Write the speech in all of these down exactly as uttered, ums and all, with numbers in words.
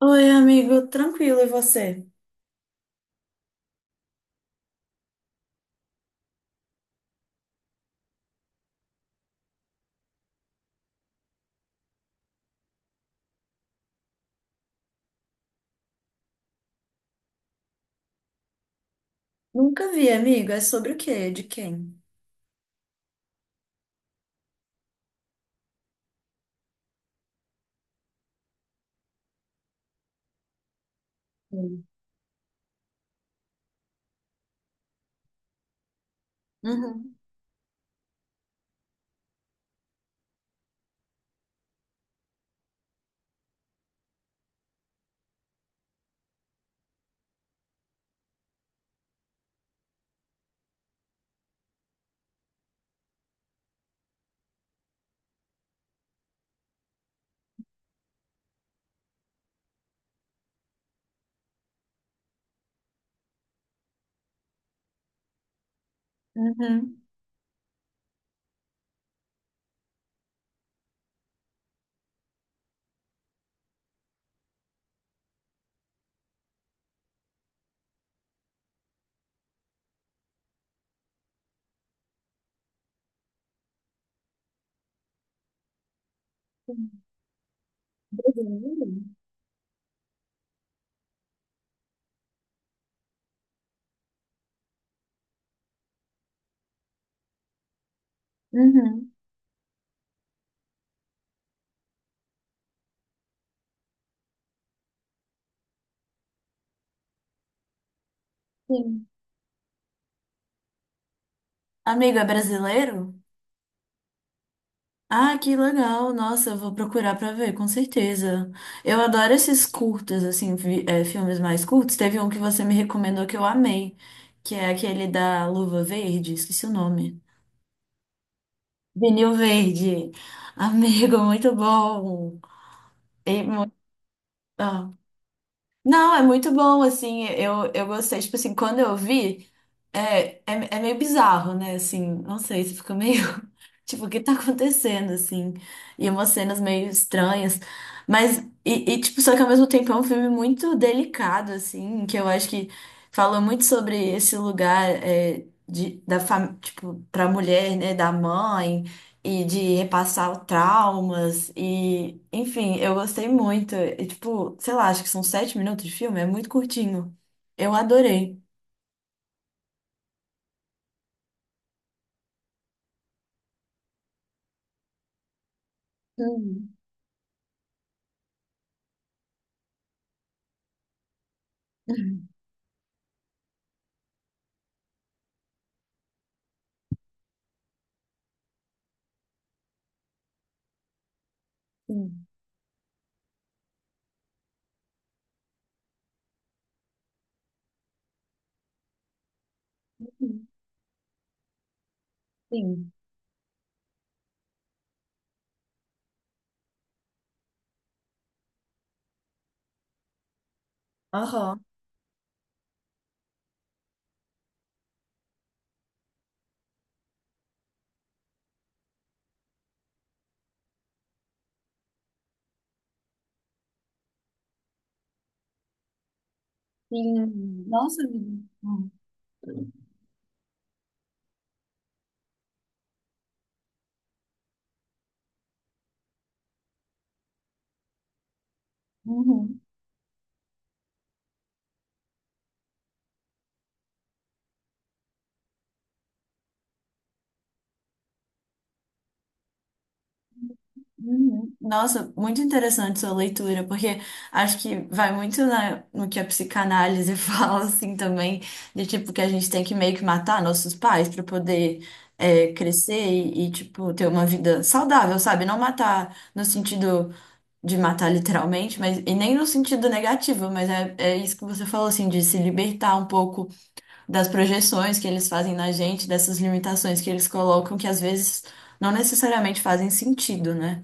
Oi, amigo, tranquilo, e você? Nunca vi, amigo. É sobre o quê? De quem? Sim. Uhum. Uhum. Brasileiro? Uhum. Sim. Amigo, é brasileiro? Ah, que legal. Nossa, eu vou procurar pra ver, com certeza. Eu adoro esses curtos, assim, vi- é, filmes mais curtos. Teve um que você me recomendou que eu amei, que é aquele da Luva Verde, esqueci o nome. Vinil Verde. Amigo, muito bom. E muito... Não, é muito bom, assim, eu, eu gostei, tipo assim, quando eu vi, é, é, é meio bizarro, né, assim, não sei, você fica meio, tipo, o que tá acontecendo, assim, e umas cenas meio estranhas, mas, e, e, tipo, só que ao mesmo tempo é um filme muito delicado, assim, que eu acho que fala muito sobre esse lugar, é, de, da, fam- tipo, pra mulher, né, da mãe, e de repassar traumas e, enfim, eu gostei muito. E, tipo, sei lá, acho que são sete minutos de filme, é muito curtinho. Eu adorei. Hum. Sim. Sim. Aham. Sim. Nossa, menina. Uhum. Uhum. Nossa, muito interessante sua leitura, porque acho que vai muito na- no que a psicanálise fala, assim, também, de tipo que a gente tem que meio que matar nossos pais para poder é, crescer e, e, tipo, ter uma vida saudável, sabe? Não matar no sentido de matar literalmente, mas e nem no sentido negativo, mas é, é isso que você falou, assim, de se libertar um pouco das projeções que eles fazem na gente, dessas limitações que eles colocam, que às vezes não necessariamente fazem sentido, né?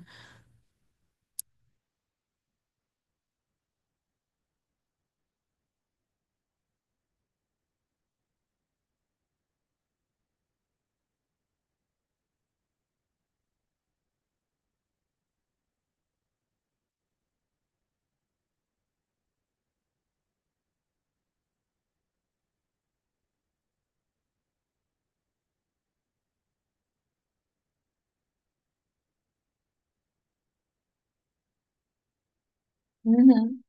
Uhum.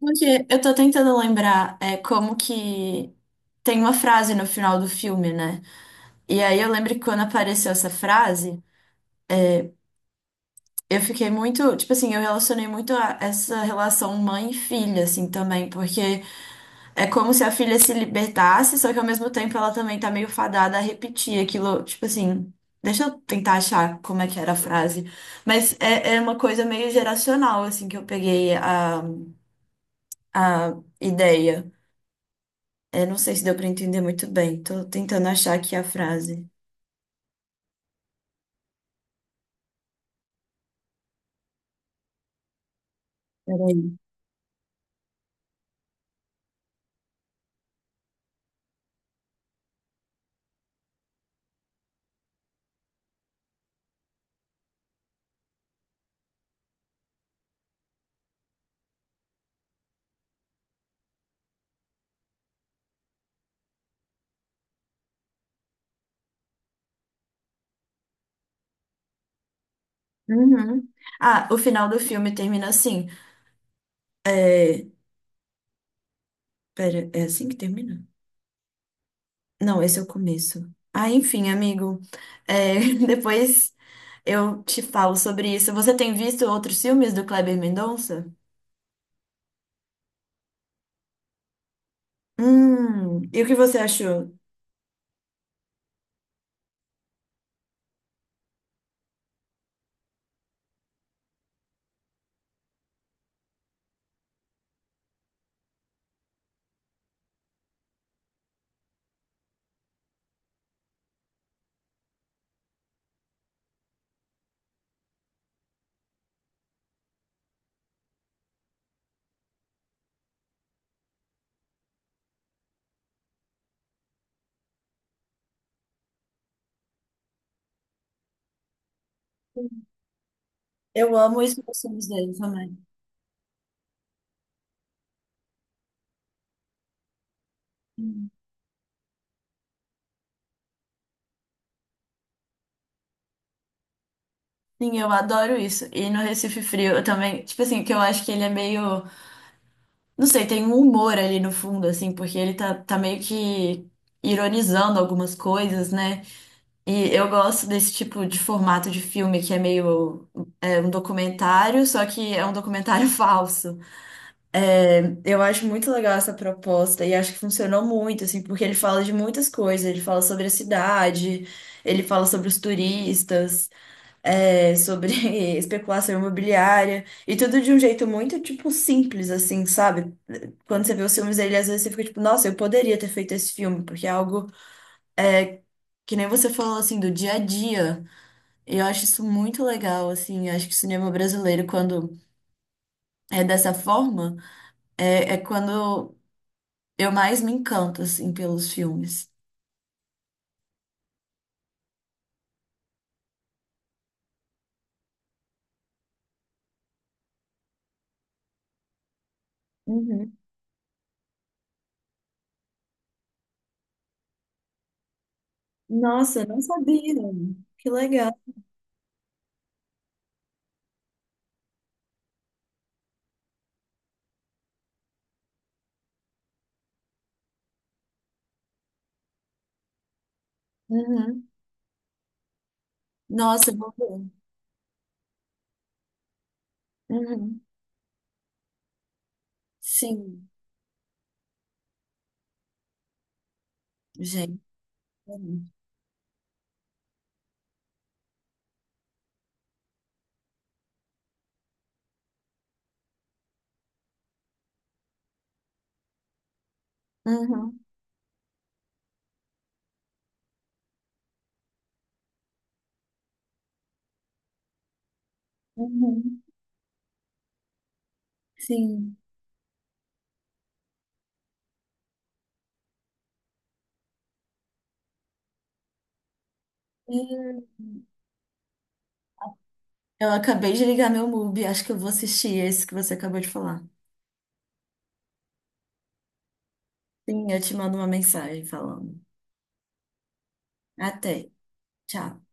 Porque eu tô tentando lembrar é, como que tem uma frase no final do filme, né? E aí eu lembro que quando apareceu essa frase, eu fiquei muito, tipo assim, eu relacionei muito a essa relação mãe e filha, assim, também, porque é como se a filha se libertasse, só que ao mesmo tempo ela também tá meio fadada a repetir aquilo, tipo assim. Deixa eu tentar achar como é que era a frase. Mas é, é uma coisa meio geracional, assim, que eu peguei a, a ideia. É, não sei se deu para entender muito bem. Tô tentando achar aqui a frase. Peraí. Uhum. Ah, o final do filme termina assim. É... Pera, é assim que termina? Não, esse é o começo. Ah, enfim, amigo. É, depois eu te falo sobre isso. Você tem visto outros filmes do Kleber Mendonça? Hum, e o que você achou? Eu amo isso nos filmes dele também. Sim, eu adoro isso. E no Recife Frio, eu também. Tipo assim, que eu acho que ele é meio. Não sei, tem um humor ali no fundo, assim, porque ele tá, tá meio que ironizando algumas coisas, né? E eu gosto desse tipo de formato de filme que é meio é um documentário, só que é um documentário falso. Eu acho muito legal essa proposta e acho que funcionou muito, assim, porque ele fala de muitas coisas. Ele fala sobre a cidade, ele fala sobre os turistas é, sobre especulação imobiliária e tudo de um jeito muito, tipo, simples, assim, sabe? Quando você vê os filmes dele, às vezes você fica tipo, nossa, eu poderia ter feito esse filme, porque é algo que nem você falou, assim, do dia a dia. E eu acho isso muito legal, assim, eu acho que o cinema brasileiro, quando é dessa forma, é, é quando eu mais me encanto, assim, pelos filmes. Uhum. Nossa, eu não sabia. Que legal. Uhum. Nossa, eu vou ver. Uhum. Sim, gente. Uhum, uhum, sim. Hum, eu acabei de ligar meu Mubi, acho que eu vou assistir esse que você acabou de falar. Sim, eu te mando uma mensagem falando. Até, tchau.